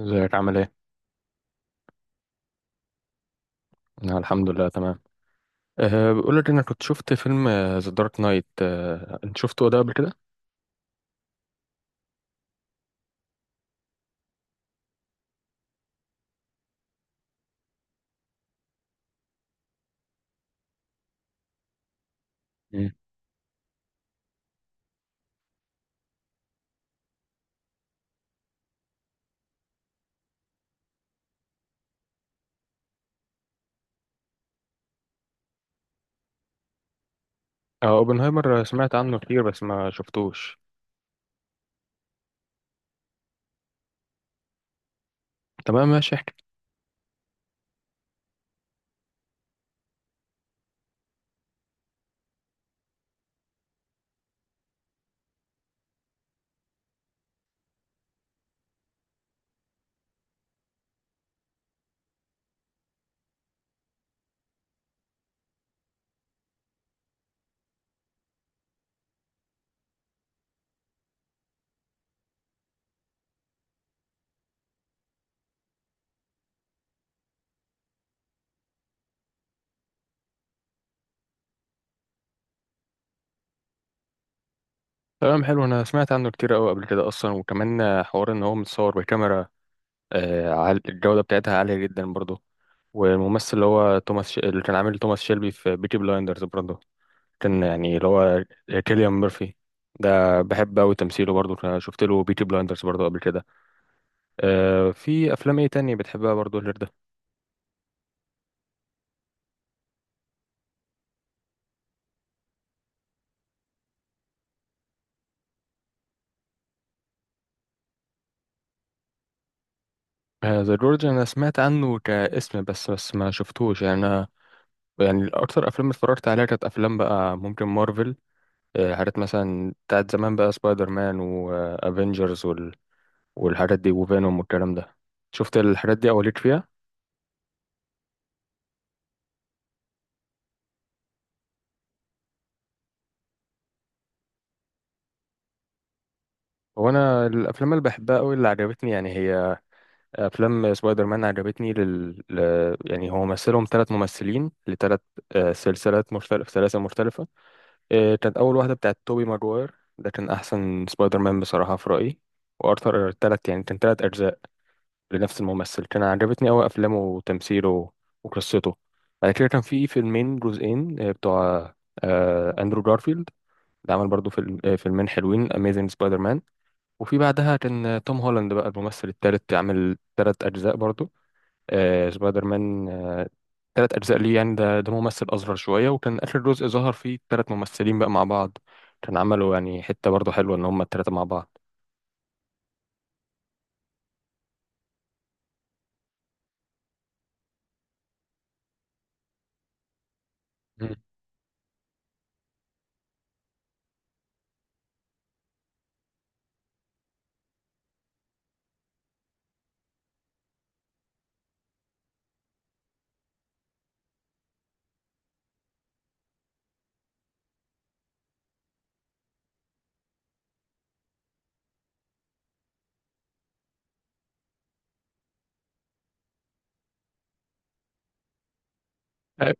ازيك عامل ايه؟ انا الحمد لله تمام. بقول لك انا كنت شفت فيلم ذا دارك نايت. انت شفته ده قبل كده؟ مم. اه اوبنهايمر، سمعت عنه كتير بس ما شفتوش. تمام ماشي احكي. تمام حلو، انا سمعت عنه كتير قوي قبل كده اصلا، وكمان حوار ان هو متصور بكاميرا. الجودة بتاعتها عالية جدا برضه. والممثل اللي هو اللي كان عامل توماس شيلبي في بيكي بلايندرز برضه، كان يعني اللي هو كيليان ميرفي. ده بحب قوي تمثيله برضه، شفت له بيكي بلايندرز برضه قبل كده. آه، في افلام ايه تانية بتحبها برضو غير ده؟ ذا جورج، انا سمعت عنه كاسم بس، ما شفتوش يعني. انا يعني اكتر افلام اتفرجت عليها كانت افلام بقى ممكن مارفل، حاجات مثلا بتاعت زمان بقى، سبايدر مان وافنجرز والحاجات دي وفينوم والكلام ده. شفت الحاجات دي او ليك فيها؟ هو انا الافلام اللي بحبها قوي اللي عجبتني يعني هي افلام سبايدر مان، عجبتني يعني هو مثلهم ثلاث ممثلين لثلاث سلسلات، سلاسل مختلفة. كانت أول واحدة بتاعت توبي ماجواير، ده كان أحسن سبايدر مان بصراحة في رأيي. وأرثر تلات يعني، كان تلات أجزاء لنفس الممثل، كان عجبتني أوي أفلامه وتمثيله وقصته. بعد كده كان في فيلمين جزئين بتوع أندرو جارفيلد، ده عمل برضه فيلمين حلوين، أميزنج سبايدر مان. وفي بعدها كان توم هولاند بقى الممثل التالت، عامل تلات أجزاء برضه، سبايدر مان. تلات أجزاء ليه يعني، ده ممثل أصغر شوية. وكان آخر جزء ظهر فيه تلات ممثلين بقى مع بعض، كان عملوا يعني حتة برضه حلوة إن هما التلاتة مع بعض. مم. أه،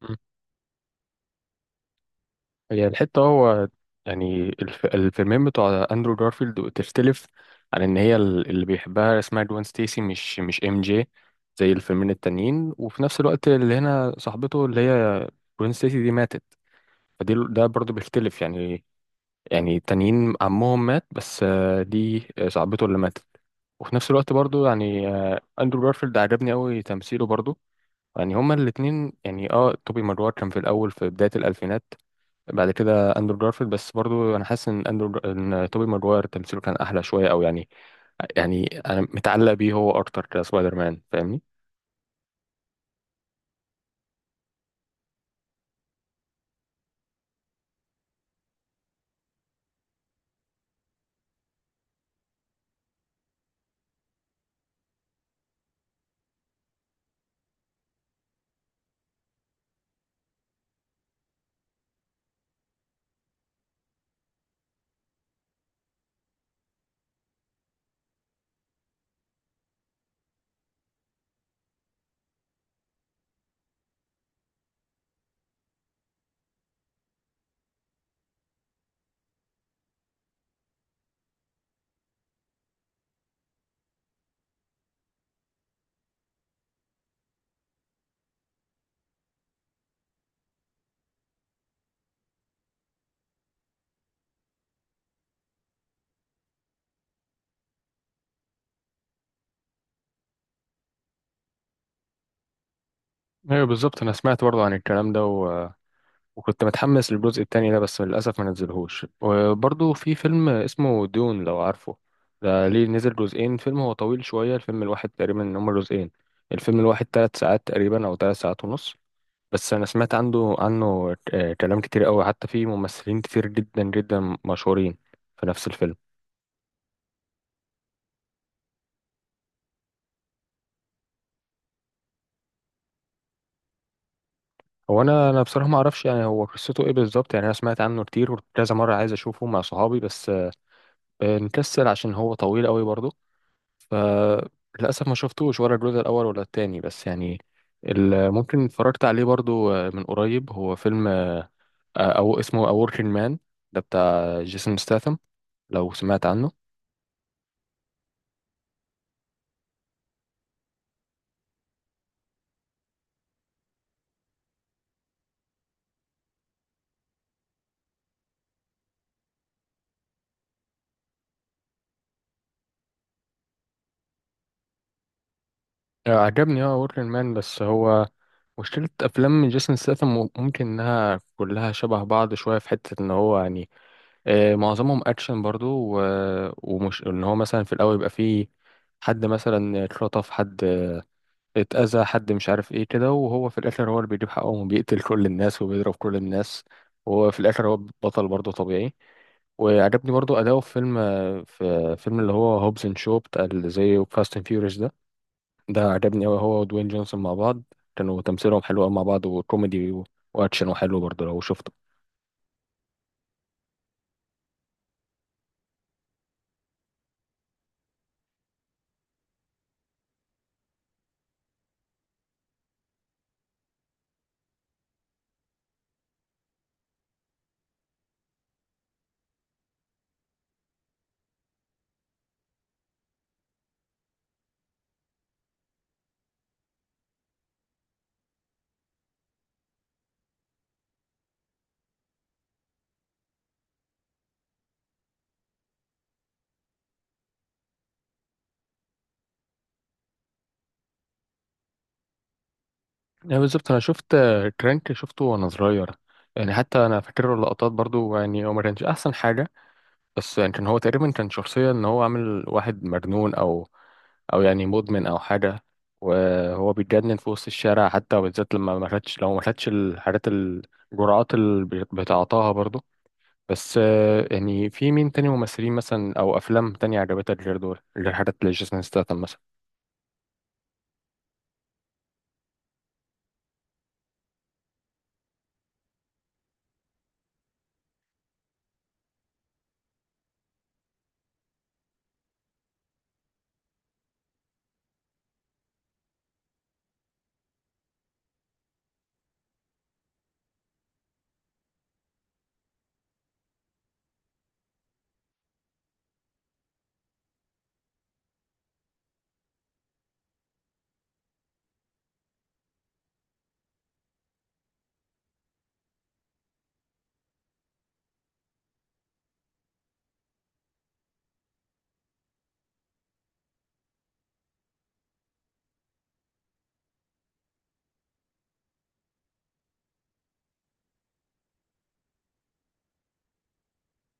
مم. هي الحتة هو يعني الفيلمين بتوع أندرو جارفيلد تختلف عن إن هي اللي بيحبها اسمها جوان ستيسي، مش إم جي زي الفيلمين التانيين. وفي نفس الوقت اللي هنا صاحبته اللي هي جوان ستيسي دي ماتت، فدي ده برضه بيختلف يعني. يعني التانيين عمهم مات، بس دي صاحبته اللي ماتت. وفي نفس الوقت برضو يعني اندرو جارفيلد عجبني قوي تمثيله برضو. يعني هما الاتنين يعني، اه توبي ماجوار كان في الاول في بداية الالفينات، بعد كده اندرو جارفيلد. بس برضو انا حاسس ان اندرو ان توبي ماجوار تمثيله كان احلى شوية، او يعني يعني انا متعلق بيه هو اكتر كسبايدر مان، فاهمني؟ ايوه بالظبط، انا سمعت برضو عن الكلام ده وكنت متحمس للجزء التاني ده بس للأسف ما نزلهوش. وبرضه في فيلم اسمه دون، لو عارفه، ده ليه نزل جزئين، فيلم هو طويل شوية. الفيلم الواحد تقريبا إن هما جزئين، الفيلم الواحد تلات ساعات تقريبا أو تلات ساعات ونص. بس أنا سمعت عنه كلام كتير أوي، حتى في ممثلين كتير جدا جدا مشهورين في نفس الفيلم. هو أنا أنا بصراحة ما أعرفش يعني هو قصته إيه بالظبط يعني. أنا سمعت عنه كتير وكذا مرة عايز أشوفه مع صحابي، بس نكسل عشان هو طويل أوي برضه. فللأسف ما شفتوش ولا الجزء الأول ولا التاني، بس يعني ممكن اتفرجت عليه برضو من قريب، هو فيلم آه، أو اسمه A Working Man، ده بتاع جيسون ستاثام، لو سمعت عنه. عجبني اه A Working Man، بس هو مشكلة أفلام جيسون ستاثام ممكن إنها كلها شبه بعض شوية، في حتة إن هو يعني معظمهم أكشن برضو. ومش إن هو مثلا في الأول يبقى فيه حد مثلا اتخطف، اتأذى حد مش عارف ايه كده، وهو في الاخر هو اللي بيجيب حقه وبيقتل كل الناس وبيضرب كل الناس. وهو في الاخر هو بطل برضه طبيعي. وعجبني برضه أداؤه في فيلم اللي هو هوبز اند شو، بتاع اللي زي فاست اند فيوريوس ده. ده عجبني أوي هو ودوين جونسون مع بعض، كانوا تمثيلهم حلو أوي مع بعض، وكوميدي وأكشن وحلو برضه لو شفته. يعني بالظبط أنا شفت كرانك، شفته وأنا صغير. يعني حتى أنا فاكر له اللقطات برضه، يعني هو ما كانش أحسن حاجة. بس يعني كان هو تقريبا كان شخصية إن هو عامل واحد مجنون، أو او يعني مدمن او حاجه. وهو بيتجنن في وسط الشارع حتى، وبالذات لما ما خدش الجرعات اللي بتعطاها برضه. بس يعني في مين تاني ممثلين مثلا او افلام تانية عجبتك غير دول، غير حاجات لجيسون ستاثام مثلا؟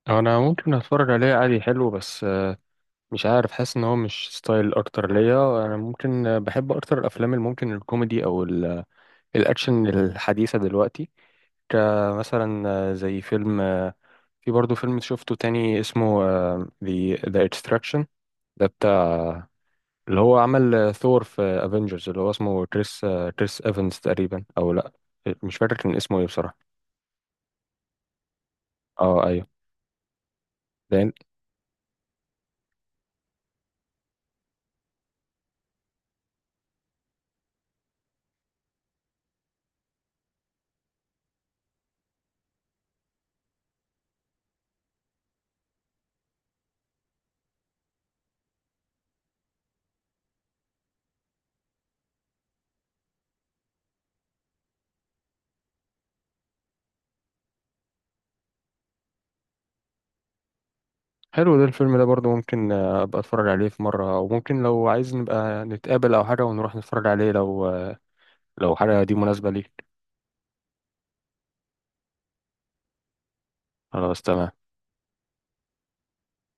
انا ممكن اتفرج عليه عادي، حلو، بس مش عارف، حاسس ان هو مش ستايل اكتر ليا. انا ممكن بحب اكتر الافلام اللي ممكن الكوميدي الاكشن الحديثه دلوقتي، كمثلا زي فيلم. في برضه فيلم شفته تاني اسمه The Extraction، ده بتاع اللي هو عمل ثور في افنجرز، اللي هو اسمه كريس ايفنز تقريبا او لا، مش فاكر كان اسمه ايه بصراحة. اه ايوه. ده حلو، ده الفيلم ده برضه ممكن ابقى اتفرج عليه في مرة، او ممكن لو عايز نبقى نتقابل او حاجة ونروح نتفرج عليه، لو لو حاجة دي مناسبة ليك. خلاص تمام.